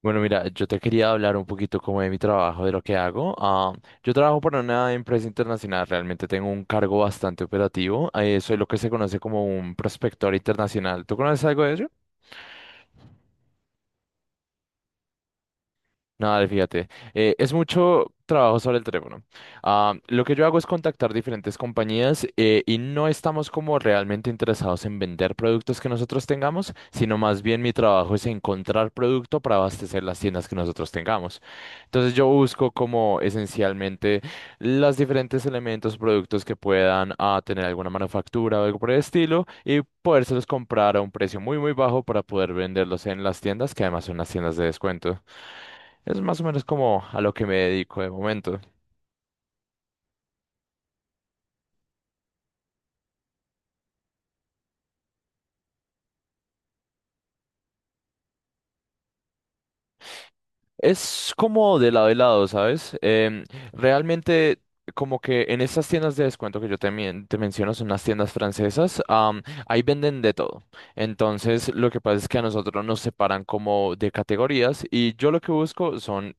Bueno, mira, yo te quería hablar un poquito como de mi trabajo, de lo que hago. Yo trabajo para una empresa internacional, realmente tengo un cargo bastante operativo. Soy lo que se conoce como un prospector internacional. ¿Tú conoces algo de ello? Nada, fíjate, es mucho trabajo sobre el teléfono. Lo que yo hago es contactar diferentes compañías y no estamos como realmente interesados en vender productos que nosotros tengamos, sino más bien mi trabajo es encontrar producto para abastecer las tiendas que nosotros tengamos. Entonces yo busco como esencialmente los diferentes elementos, productos que puedan tener alguna manufactura o algo por el estilo y podérselos comprar a un precio muy muy bajo para poder venderlos en las tiendas, que además son las tiendas de descuento. Es más o menos como a lo que me dedico de momento. Es como de lado y lado, ¿sabes? Realmente, como que en estas tiendas de descuento que yo te, te menciono, son unas tiendas francesas, ahí venden de todo. Entonces, lo que pasa es que a nosotros nos separan como de categorías y yo lo que busco son,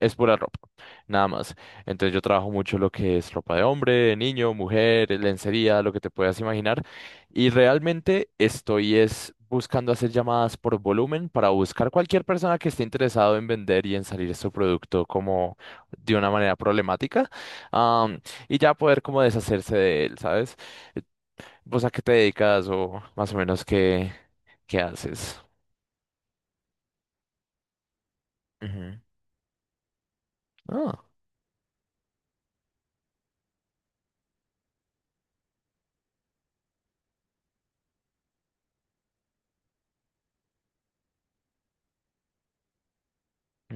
es pura ropa, nada más. Entonces yo trabajo mucho lo que es ropa de hombre, de niño, mujer, lencería, lo que te puedas imaginar. Y realmente estoy es buscando hacer llamadas por volumen para buscar cualquier persona que esté interesado en vender y en salir su producto como de una manera problemática, am, y ya poder como deshacerse de él, ¿sabes? ¿Vos a qué te dedicas o más o menos qué, qué haces? Ujú.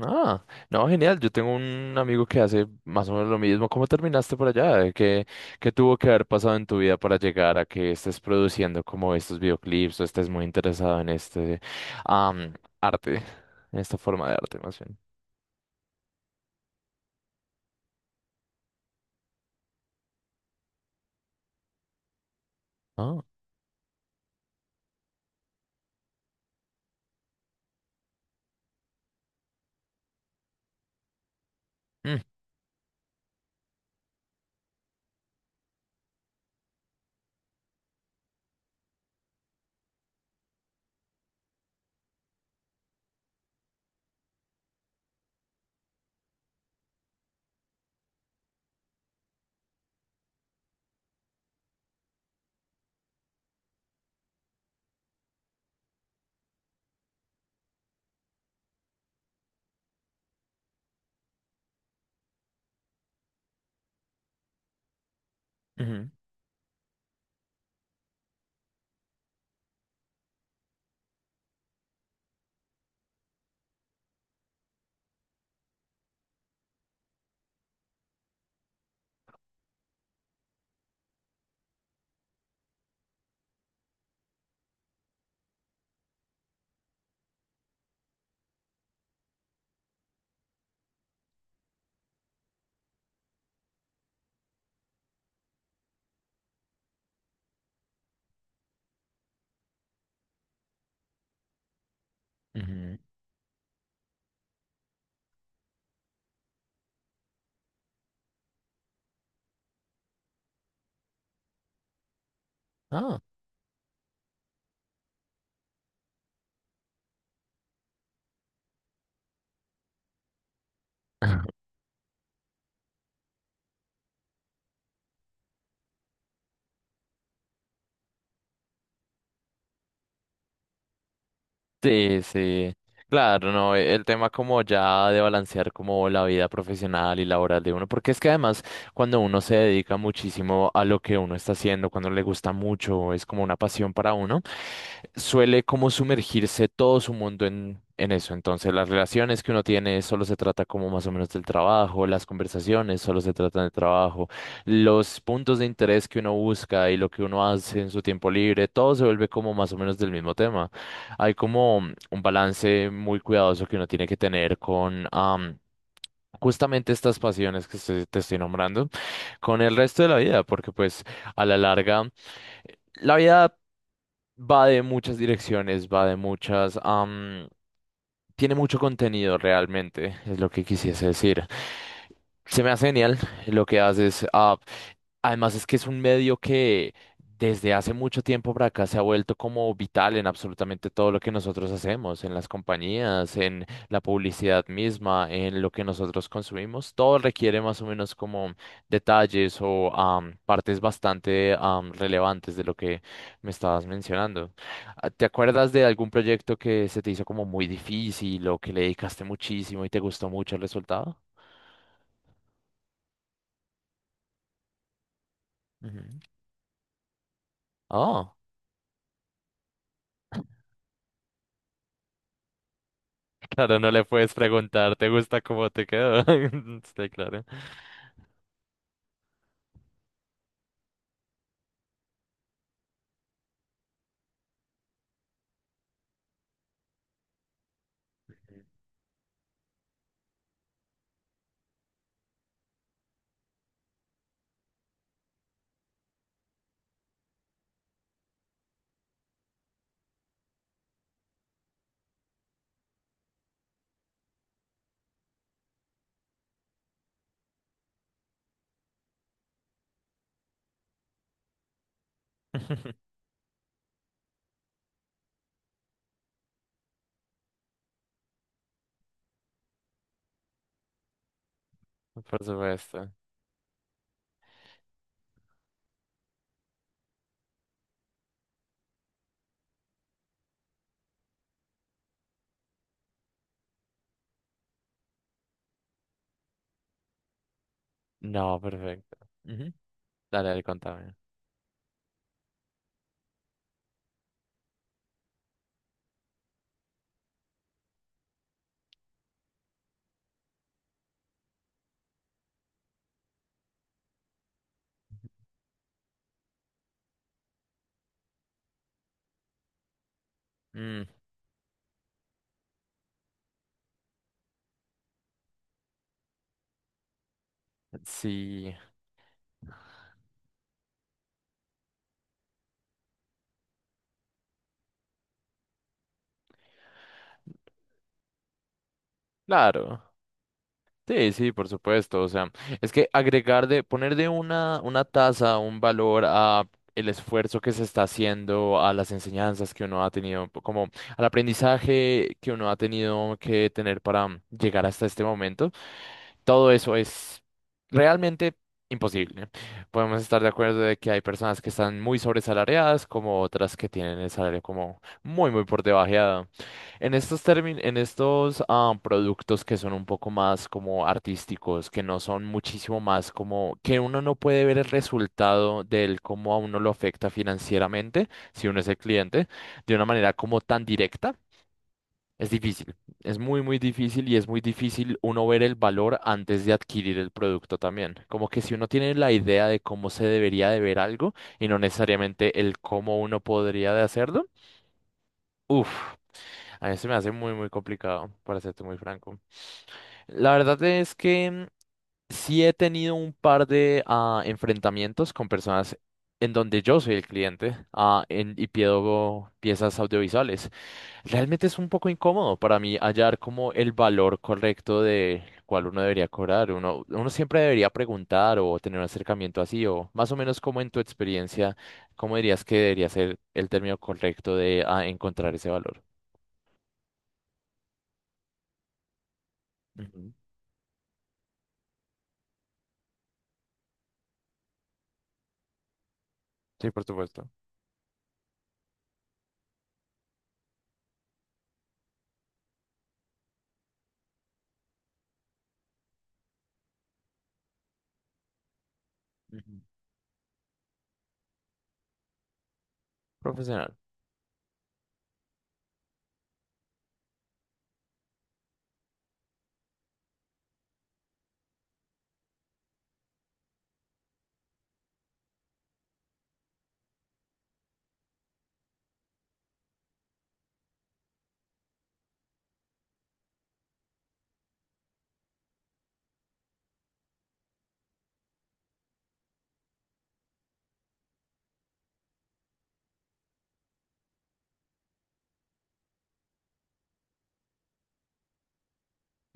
Ah, no, genial. Yo tengo un amigo que hace más o menos lo mismo. ¿Cómo terminaste por allá? ¿Qué, qué tuvo que haber pasado en tu vida para llegar a que estés produciendo como estos videoclips o estés muy interesado en este am, arte, en esta forma de arte más bien? Ah, mm, ujú, ujú. Ah. Sí, sí. Claro, no, el tema como ya de balancear como la vida profesional y laboral de uno, porque es que además cuando uno se dedica muchísimo a lo que uno está haciendo, cuando le gusta mucho, es como una pasión para uno, suele como sumergirse todo su mundo en eso. Entonces, las relaciones que uno tiene solo se trata como más o menos del trabajo, las conversaciones solo se tratan del trabajo, los puntos de interés que uno busca y lo que uno hace en su tiempo libre, todo se vuelve como más o menos del mismo tema. Hay como un balance muy cuidadoso que uno tiene que tener con justamente estas pasiones que te estoy nombrando, con el resto de la vida, porque pues a la larga la vida va de muchas direcciones, va de muchas, tiene mucho contenido realmente, es lo que quisiese decir. Se me hace genial lo que haces. Además es que es un medio que desde hace mucho tiempo para acá se ha vuelto como vital en absolutamente todo lo que nosotros hacemos, en las compañías, en la publicidad misma, en lo que nosotros consumimos. Todo requiere más o menos como detalles o partes bastante relevantes de lo que me estabas mencionando. ¿Te acuerdas de algún proyecto que se te hizo como muy difícil o que le dedicaste muchísimo y te gustó mucho el resultado? Ujú. Oh, claro, no le puedes preguntar, ¿te gusta cómo te quedó? Sí, claro. Por supuesto. No, perfecto. Ujú. Dale, dale, contame. Mm, sí, claro. Sí, sí, por supuesto. O sea, es que agregar de, poner de una tasa, un valor a el esfuerzo que se está haciendo, a las enseñanzas que uno ha tenido, como al aprendizaje que uno ha tenido que tener para llegar hasta este momento, todo eso es realmente imposible. Podemos estar de acuerdo de que hay personas que están muy sobresalariadas, como otras que tienen el salario como muy, muy por debajeado. En estos términos, en estos productos que son un poco más como artísticos, que no son muchísimo más como que uno no puede ver el resultado del cómo a uno lo afecta financieramente, si uno es el cliente, de una manera como tan directa, es difícil. Es muy, muy difícil y es muy difícil uno ver el valor antes de adquirir el producto también. Como que si uno tiene la idea de cómo se debería de ver algo y no necesariamente el cómo uno podría de hacerlo, uff. A mí se me hace muy, muy complicado, para serte muy franco. La verdad es que sí he tenido un par de enfrentamientos con personas en donde yo soy el cliente y pido piezas audiovisuales. Realmente es un poco incómodo para mí hallar como el valor correcto de cuál uno debería cobrar. Uno, uno siempre debería preguntar o tener un acercamiento así, o más o menos como en tu experiencia, ¿cómo dirías que debería ser el término correcto de encontrar ese valor? Ujú. Sí, por supuesto. Ujú. Profesional.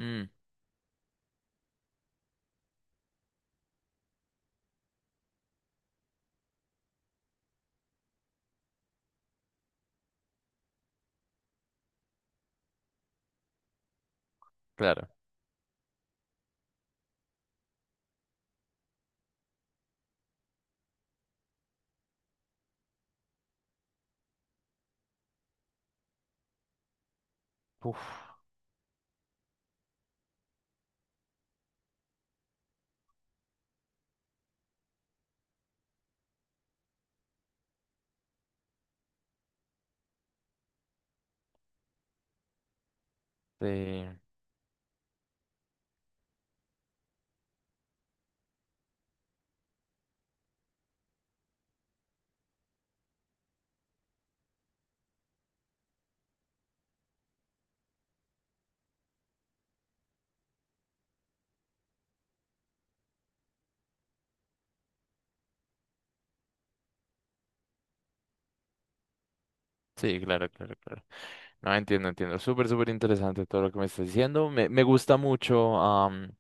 Mm, claro. Uf, eh, sí, claro, claro, claro. No, entiendo, entiendo. Súper, súper interesante todo lo que me estás diciendo. Me gusta mucho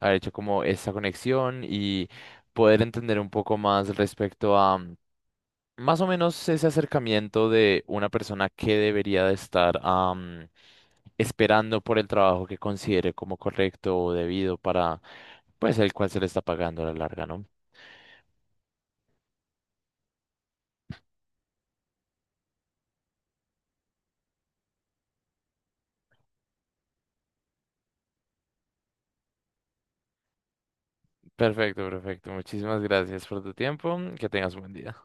haber hecho como esta conexión y poder entender un poco más respecto a más o menos ese acercamiento de una persona que debería de estar esperando por el trabajo que considere como correcto o debido para pues el cual se le está pagando a la larga, ¿no? Perfecto, perfecto. Muchísimas gracias por tu tiempo. Que tengas un buen día.